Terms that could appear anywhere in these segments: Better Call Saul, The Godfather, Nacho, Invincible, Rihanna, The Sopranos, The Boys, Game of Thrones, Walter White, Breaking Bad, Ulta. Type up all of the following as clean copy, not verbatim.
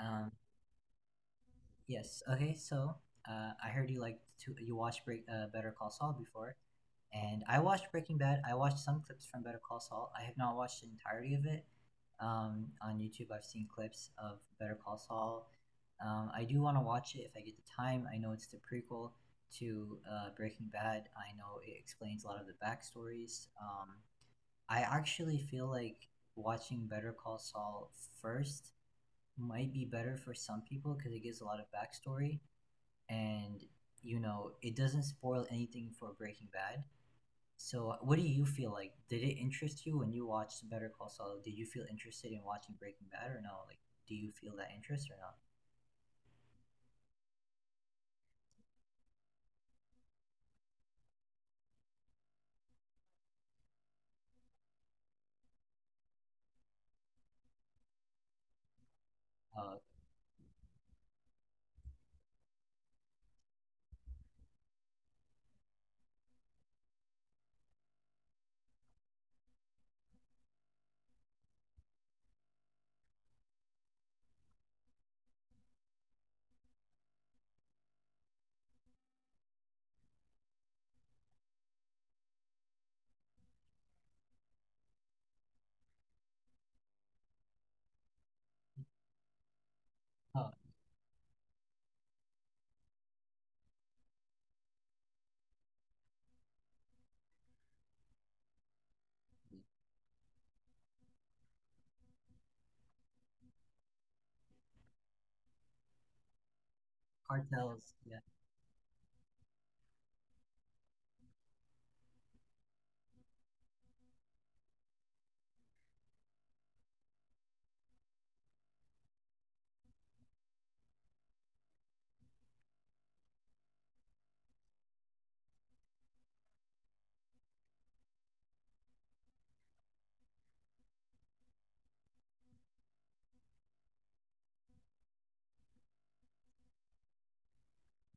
Um, yes. Okay. So I heard you like to you watched Break Better Call Saul before, and I watched Breaking Bad. I watched some clips from Better Call Saul. I have not watched the entirety of it. On YouTube, I've seen clips of Better Call Saul. I do want to watch it if I get the time. I know it's the prequel to Breaking Bad. I know it explains a lot of the backstories. I actually feel like watching Better Call Saul first might be better for some people because it gives a lot of backstory and it doesn't spoil anything for Breaking Bad. So what do you feel like? Did it interest you when you watched Better Call Saul? Did you feel interested in watching Breaking Bad or no? Like, do you feel that interest or not? Uh, uh cartels, yeah,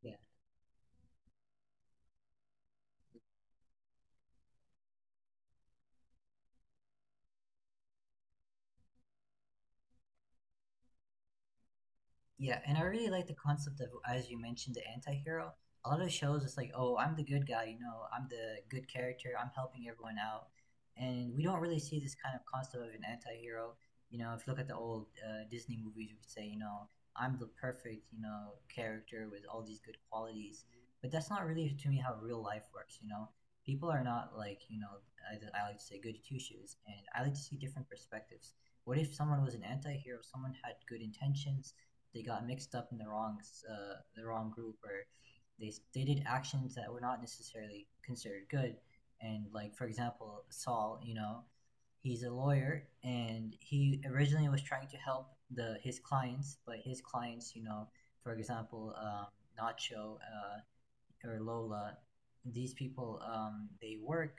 yeah. Yeah, and I really like the concept of, as you mentioned, the anti-hero. A lot of shows, it's like, oh, I'm the good guy, I'm the good character, I'm helping everyone out. And we don't really see this kind of concept of an anti-hero. You know, if you look at the old Disney movies, you would say, I'm the perfect, character with all these good qualities. But that's not really, to me, how real life works, you know? People are not like, I like to say goody two-shoes, and I like to see different perspectives. What if someone was an anti-hero, someone had good intentions, they got mixed up in the wrong group or they did actions that were not necessarily considered good. And like for example Saul, you know, he's a lawyer and he originally was trying to help the his clients, but his clients, for example, Nacho, or Lola, these people, they work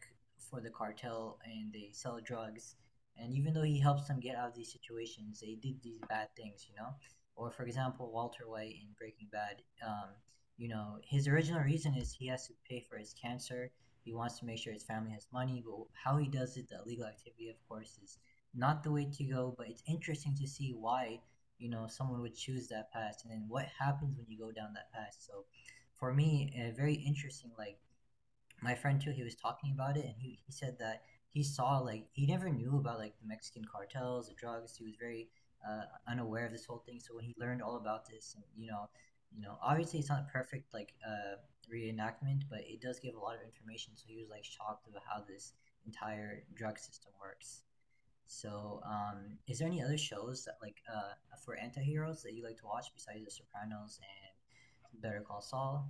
for the cartel and they sell drugs. And even though he helps them get out of these situations, they did these bad things, you know. Or for example, Walter White in Breaking Bad, you know, his original reason is he has to pay for his cancer. He wants to make sure his family has money, but how he does it, the illegal activity, of course, is not the way to go. But it's interesting to see why, someone would choose that path and then what happens when you go down that path. So for me, very interesting. Like my friend too, he was talking about it, and he said that he saw, like, he never knew about like the Mexican cartels, the drugs. He was very uh, unaware of this whole thing. So when he learned all about this, and you know, obviously it's not perfect, like reenactment, but it does give a lot of information. So he was like shocked about how this entire drug system works. So is there any other shows that like for anti-heroes that you like to watch besides The Sopranos and Better Call Saul?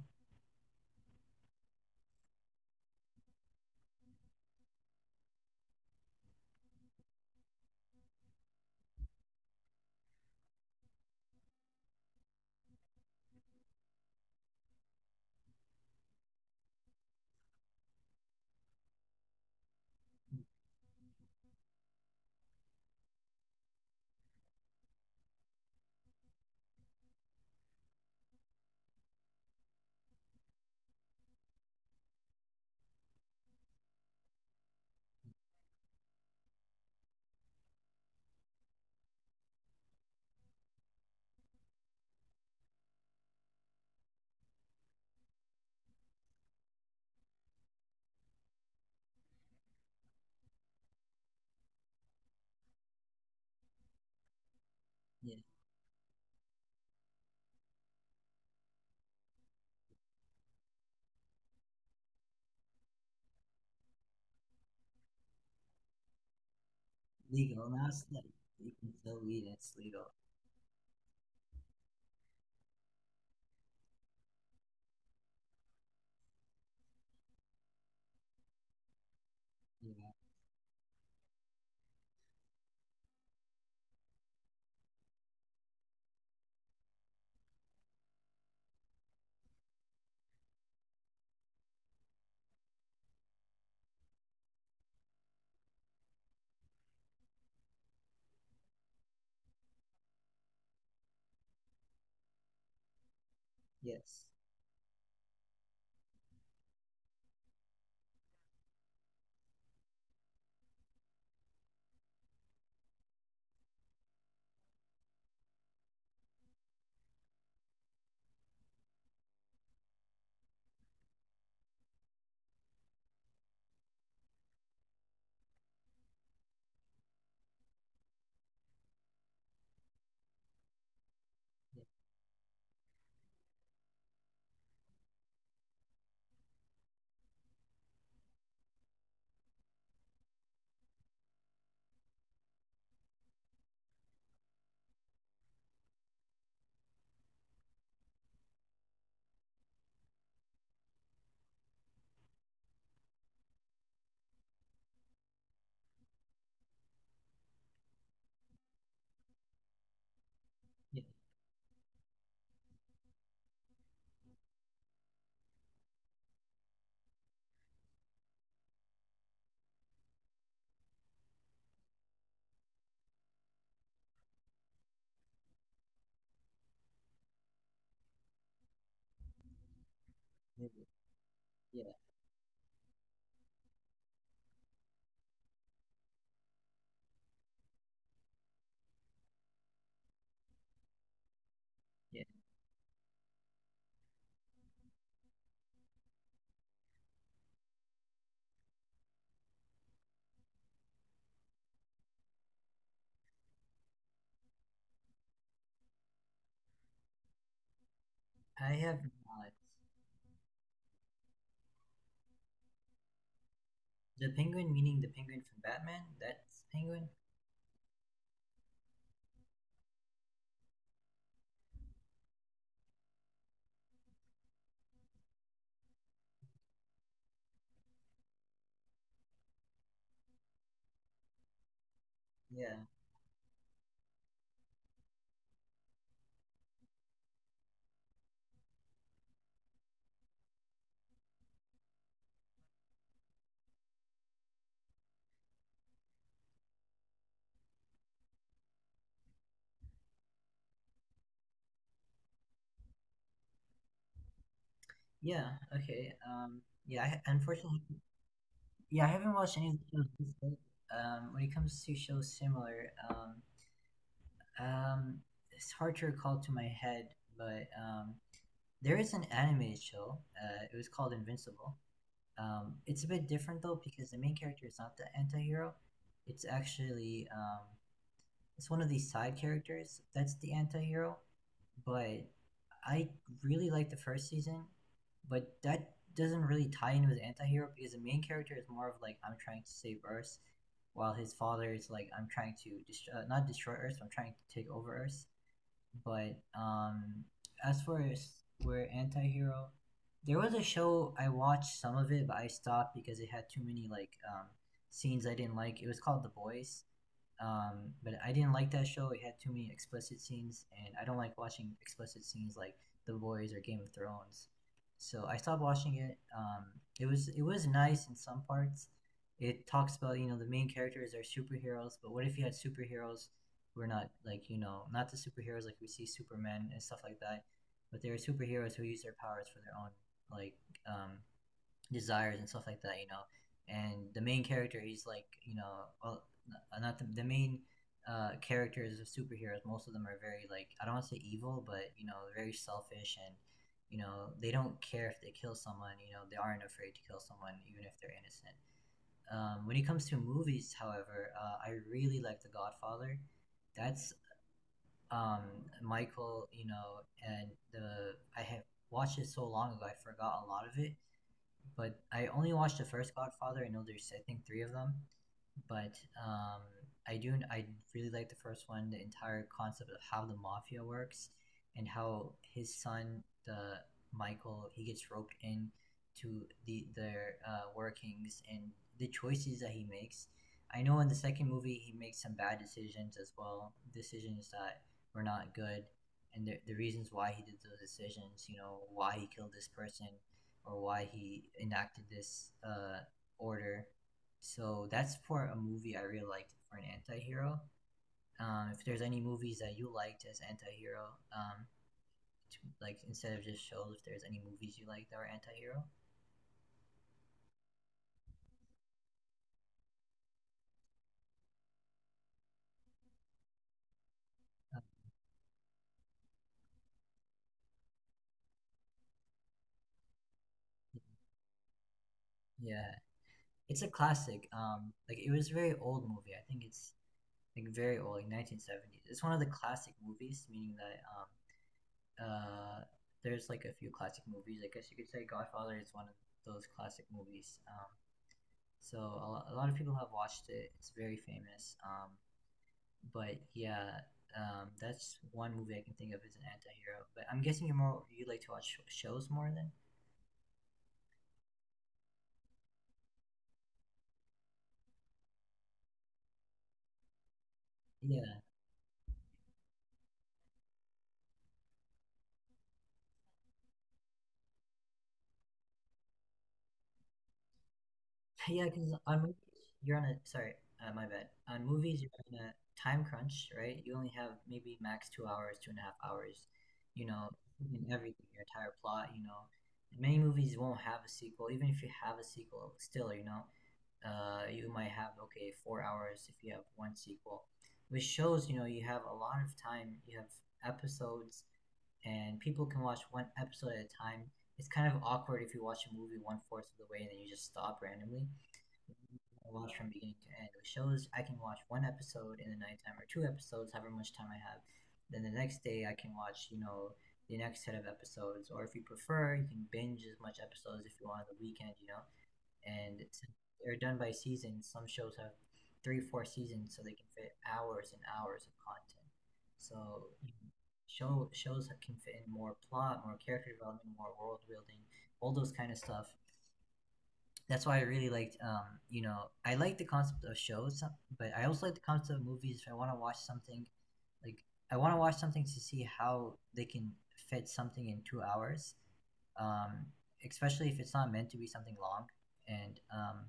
Yeah, legal. Now it's like you can still weed. It's legal. Yeah. Yes. Yeah. Yeah. Maybe. Yeah. Yeah. I have no knowledge. The Penguin, meaning the Penguin from Batman. That's Penguin. Yeah. Yeah. Okay. Yeah. I, unfortunately, yeah, I haven't watched any of the shows he's made. When it comes to shows similar, um, it's hard to recall to my head, but there is an anime show. It was called Invincible. It's a bit different though because the main character is not the anti-hero. It's actually it's one of these side characters that's the anti-hero. But I really like the first season, but that doesn't really tie in with the anti-hero because the main character is more of like I'm trying to save Earth, while his father is like I'm trying to destroy, not destroy Earth, I'm trying to take over Earth. But as for where anti-hero, there was a show I watched some of it, but I stopped because it had too many like scenes I didn't like. It was called The Boys. But I didn't like that show. It had too many explicit scenes, and I don't like watching explicit scenes like The Boys or Game of Thrones. So I stopped watching it. It was nice in some parts. It talks about, you know, the main characters are superheroes, but what if you had superheroes who are not like, you know, not the superheroes like we see Superman and stuff like that, but they are superheroes who use their powers for their own like um, desires and stuff like that, you know. And the main character, he's like, you know, well, not the main characters of superheroes. Most of them are very like, I don't want to say evil, but you know, very selfish and you know they don't care if they kill someone. You know, they aren't afraid to kill someone even if they're innocent. When it comes to movies, however, I really like The Godfather. That's um, Michael, you know, and the I have watched it so long ago, I forgot a lot of it, but I only watched the first Godfather. I know there's I think three of them, but um, I really like the first one. The entire concept of how the mafia works and how his son, the Michael, he gets roped in to their workings and the choices that he makes. I know in the second movie he makes some bad decisions as well, decisions that were not good, and the reasons why he did those decisions. You know why he killed this person, or why he enacted this order. So that's for a movie I really liked for an anti-hero. If there's any movies that you liked as anti-hero, um, to, like instead of just shows, if there's any movies you like that were anti-hero, uh, yeah, it's a classic. Like it was a very old movie. I think it's like very old, like 1970s. It's one of the classic movies, meaning that um, uh, there's like a few classic movies. I guess you could say Godfather is one of those classic movies. So a lot of people have watched it. It's very famous. But yeah, that's one movie I can think of as an anti-hero. But I'm guessing you're more you like to watch shows more than yeah, yeah. Because on movies you're on a sorry, my bad. On movies you're on a time crunch, right? You only have maybe max 2 hours, two and a half hours. You know, in everything, your entire plot. You know, many movies won't have a sequel. Even if you have a sequel, still, you know, you might have okay 4 hours if you have one sequel. Which shows, you know, you have a lot of time, you have episodes and people can watch one episode at a time. It's kind of awkward if you watch a movie one fourth of the way and then you just stop randomly. I watch from beginning to end. Which shows, I can watch one episode in the nighttime or two episodes however much time I have, then the next day I can watch, you know, the next set of episodes, or if you prefer you can binge as much episodes if you want on the weekend, you know. And they're done by season. Some shows have three, four seasons, so they can fit hours and hours of content. So you know, shows that can fit in more plot, more character development, more world building, all those kind of stuff. That's why I really liked, you know, I like the concept of shows, but I also like the concept of movies. If I want to watch something, like I want to watch something to see how they can fit something in 2 hours, um, especially if it's not meant to be something long. And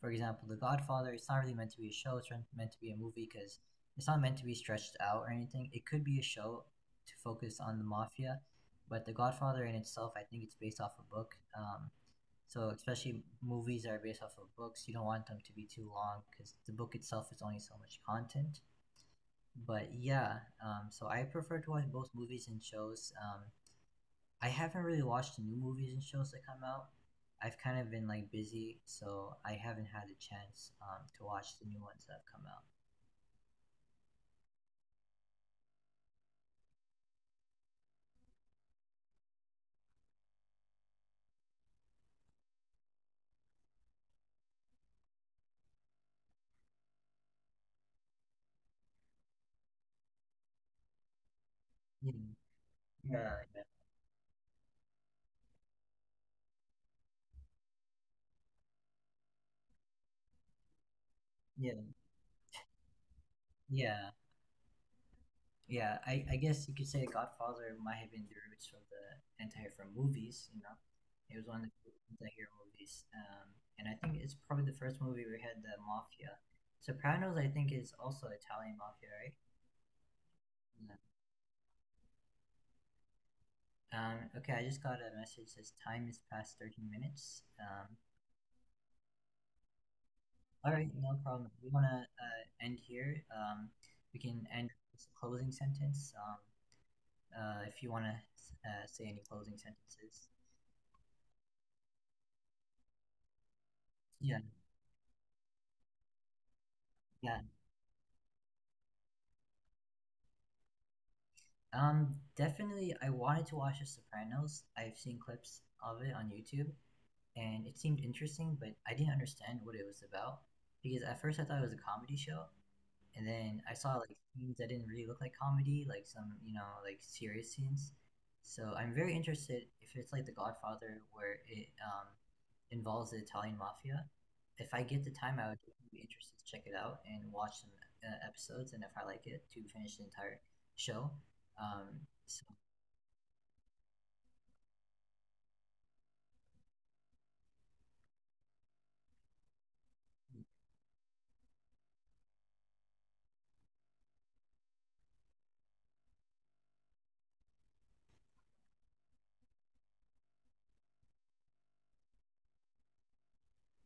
for example, The Godfather, it's not really meant to be a show. It's meant to be a movie because it's not meant to be stretched out or anything. It could be a show to focus on the mafia, but The Godfather in itself, I think it's based off a book. So especially movies that are based off of books, you don't want them to be too long because the book itself is only so much content. But yeah, so I prefer to watch both movies and shows. I haven't really watched the new movies and shows that come out. I've kind of been like busy, so I haven't had a chance to watch the new ones that have come out. Yeah, yeah, yeah, yeah. Yeah, I guess you could say Godfather might have been the roots of the anti hero movies, you know. It was one of the anti hero movies. And I think it's probably the first movie we had the mafia. Sopranos, I think, is also Italian mafia, right? Yeah. Okay, I just got a message says time is past 13 minutes. All right, no problem. We want to end here. We can end with a closing sentence, if you want to say any closing sentences. Yeah, yeah. Definitely, I wanted to watch The Sopranos. I've seen clips of it on YouTube, and it seemed interesting, but I didn't understand what it was about because at first I thought it was a comedy show, and then I saw like scenes that didn't really look like comedy, like some you know like serious scenes. So I'm very interested if it's like The Godfather, where it involves the Italian mafia. If I get the time, I would definitely be interested to check it out and watch some episodes, and if I like it, to finish the entire show. Um, so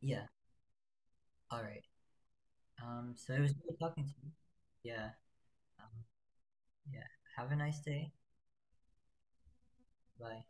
yeah, all right. So it was good talking to you. Yeah, um, yeah. Have a nice day. Bye.